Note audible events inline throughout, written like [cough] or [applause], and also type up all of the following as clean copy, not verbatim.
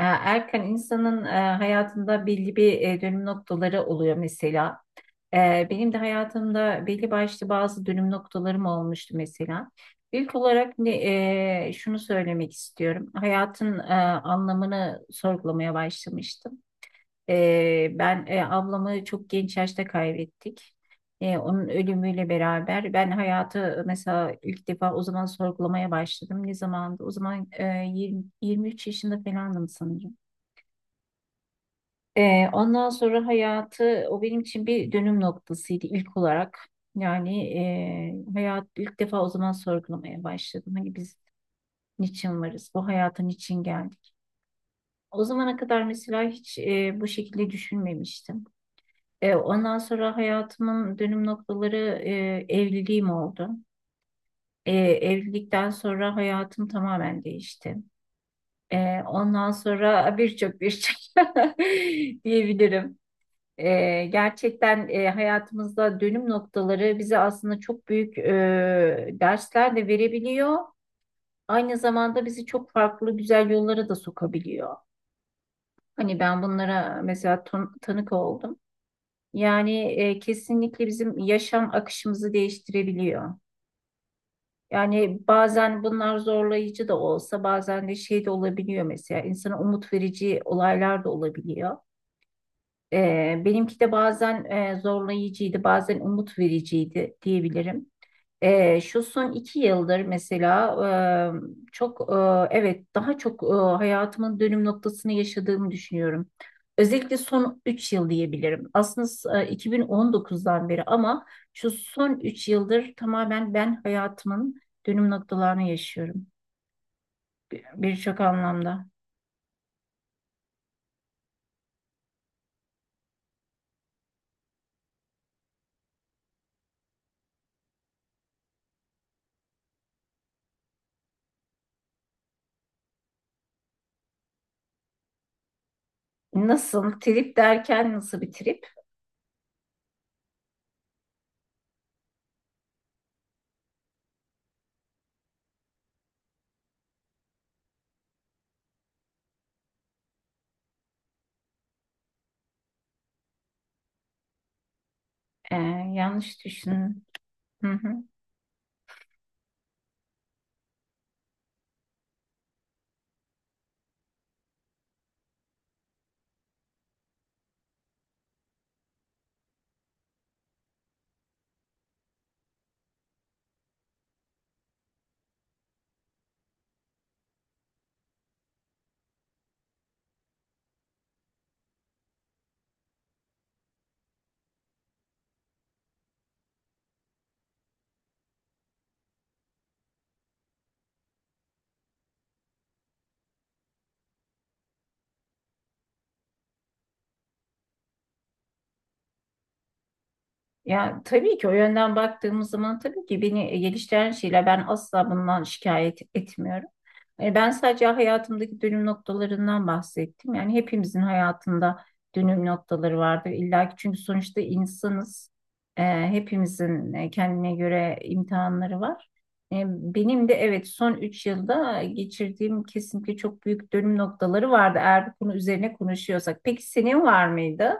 Erken insanın hayatında belli bir dönüm noktaları oluyor mesela. Benim de hayatımda belli başlı bazı dönüm noktalarım olmuştu mesela. İlk olarak ne, e, Şunu söylemek istiyorum. Hayatın anlamını sorgulamaya başlamıştım. Ben ablamı çok genç yaşta kaybettik. Onun ölümüyle beraber ben hayatı mesela ilk defa o zaman sorgulamaya başladım. Ne zamandı? O zaman 20, 23 yaşında falandım sanırım. Ondan sonra hayatı o benim için bir dönüm noktasıydı ilk olarak. Yani hayat ilk defa o zaman sorgulamaya başladım. Hani biz niçin varız? Bu hayata niçin geldik? O zamana kadar mesela hiç bu şekilde düşünmemiştim. Ondan sonra hayatımın dönüm noktaları evliliğim oldu. Evlilikten sonra hayatım tamamen değişti. Ondan sonra birçok [laughs] diyebilirim. Gerçekten hayatımızda dönüm noktaları bize aslında çok büyük dersler de verebiliyor. Aynı zamanda bizi çok farklı güzel yollara da sokabiliyor. Hani ben bunlara mesela tanık oldum. Yani kesinlikle bizim yaşam akışımızı değiştirebiliyor. Yani bazen bunlar zorlayıcı da olsa bazen de şey de olabiliyor mesela insana umut verici olaylar da olabiliyor. Benimki de bazen zorlayıcıydı, bazen umut vericiydi diyebilirim. Şu son iki yıldır mesela çok, evet daha çok, hayatımın dönüm noktasını yaşadığımı düşünüyorum. Özellikle son 3 yıl diyebilirim. Aslında 2019'dan beri ama şu son 3 yıldır tamamen ben hayatımın dönüm noktalarını yaşıyorum birçok anlamda. Nasıl? Trip derken nasıl bir trip? Ee, Yanlış düşün. Hı hı. Ya tabii ki o yönden baktığımız zaman tabii ki beni geliştiren şeyler ben asla bundan şikayet etmiyorum. Ben sadece hayatımdaki dönüm noktalarından bahsettim. Yani hepimizin hayatında dönüm noktaları vardır illa ki çünkü sonuçta insanız. Hepimizin kendine göre imtihanları var. Benim de evet son 3 yılda geçirdiğim kesinlikle çok büyük dönüm noktaları vardı eğer bu konu üzerine konuşuyorsak. Peki senin var mıydı?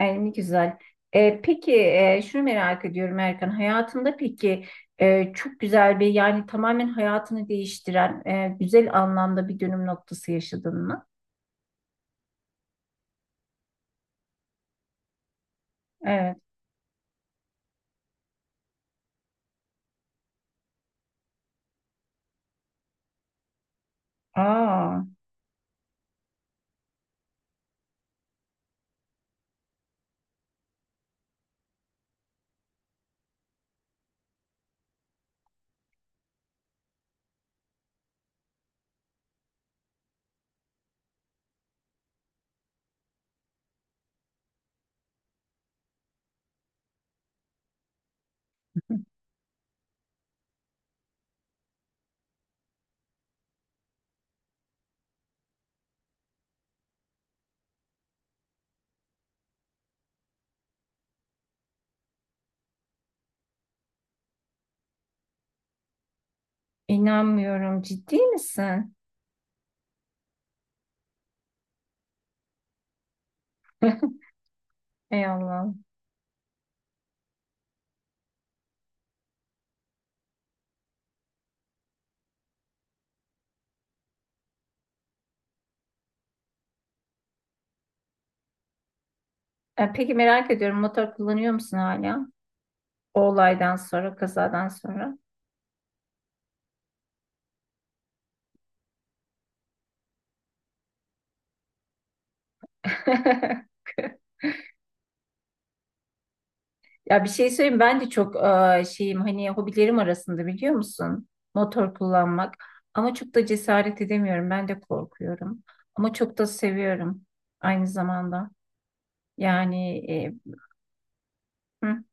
Ay, ne güzel. Peki, şunu merak ediyorum Erkan. Hayatında peki çok güzel bir yani tamamen hayatını değiştiren güzel anlamda bir dönüm noktası yaşadın mı? Evet. Aa, [laughs] inanmıyorum. Ciddi misin? [laughs] Ey Allah'ım. Peki merak ediyorum motor kullanıyor musun hala? O olaydan sonra, kazadan sonra. [laughs] Ya bir şey söyleyeyim ben de çok şeyim hani hobilerim arasında biliyor musun? Motor kullanmak. Ama çok da cesaret edemiyorum. Ben de korkuyorum. Ama çok da seviyorum aynı zamanda. Yani hı.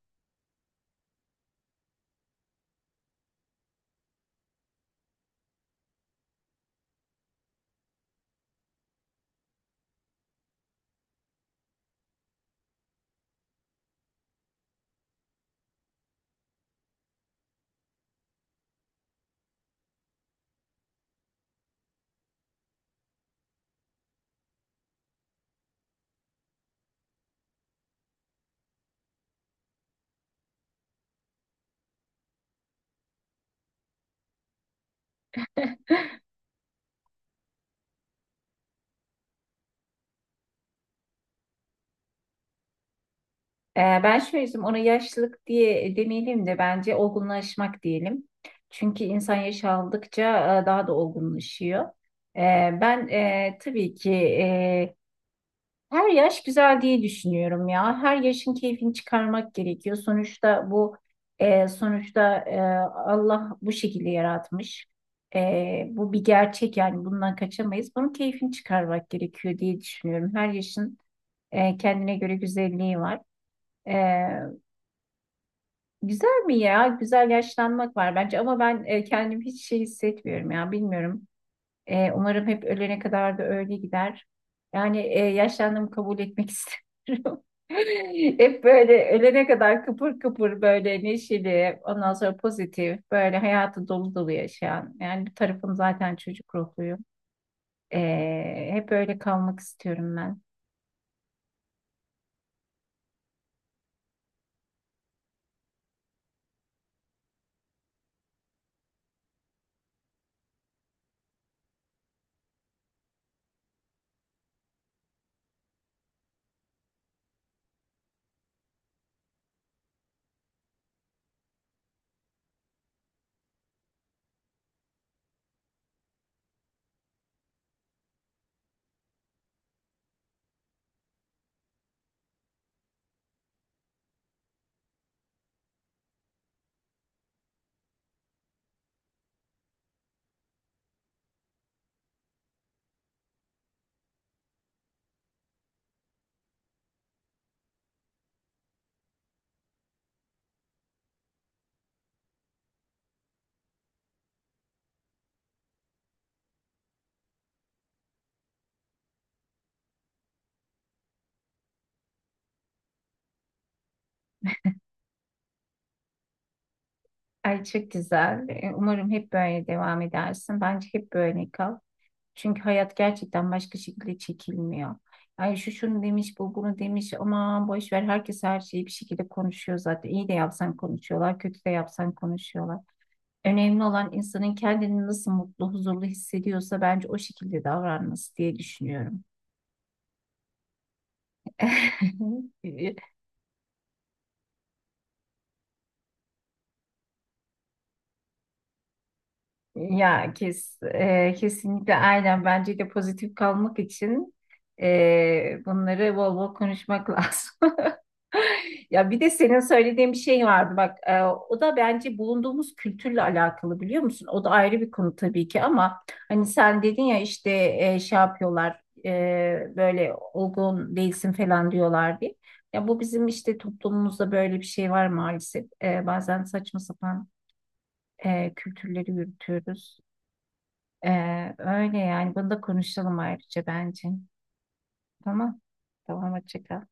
Ben şöyle söyleyeyim ona yaşlılık diye demeyelim de bence olgunlaşmak diyelim. Çünkü insan yaş aldıkça daha da olgunlaşıyor. Ben tabii ki her yaş güzel diye düşünüyorum ya. Her yaşın keyfini çıkarmak gerekiyor. Sonuçta Allah bu şekilde yaratmış. Bu bir gerçek yani bundan kaçamayız. Bunun keyfini çıkarmak gerekiyor diye düşünüyorum. Her yaşın kendine göre güzelliği var. E, Güzel mi ya? Güzel yaşlanmak var bence ama ben kendimi hiç şey hissetmiyorum ya. Bilmiyorum. Umarım hep ölene kadar da öyle gider. Yani yaşlandığımı kabul etmek [laughs] istiyorum. Hep böyle ölene kadar kıpır kıpır böyle neşeli, ondan sonra pozitif, böyle hayatı dolu dolu yaşayan. Yani bir tarafım zaten çocuk ruhluyum. Hep öyle kalmak istiyorum ben. Ay çok güzel. Umarım hep böyle devam edersin. Bence hep böyle kal. Çünkü hayat gerçekten başka şekilde çekilmiyor. Yani şu şunu demiş, bu bunu demiş. Aman boş ver. Herkes her şeyi bir şekilde konuşuyor zaten. İyi de yapsan konuşuyorlar, kötü de yapsan konuşuyorlar. Önemli olan insanın kendini nasıl mutlu, huzurlu hissediyorsa bence o şekilde davranması diye düşünüyorum. [laughs] Ya, kesinlikle aynen bence de pozitif kalmak için bunları bol bol konuşmak [laughs] lazım. Ya bir de senin söylediğin bir şey vardı bak o da bence bulunduğumuz kültürle alakalı biliyor musun? O da ayrı bir konu tabii ki ama hani sen dedin ya işte şey yapıyorlar, böyle olgun değilsin falan diyorlar diye. Ya bu bizim işte toplumumuzda böyle bir şey var maalesef. Bazen saçma sapan kültürleri yürütüyoruz. E, Öyle yani bunu da konuşalım ayrıca bence. Tamam. Tamam hoşça kal.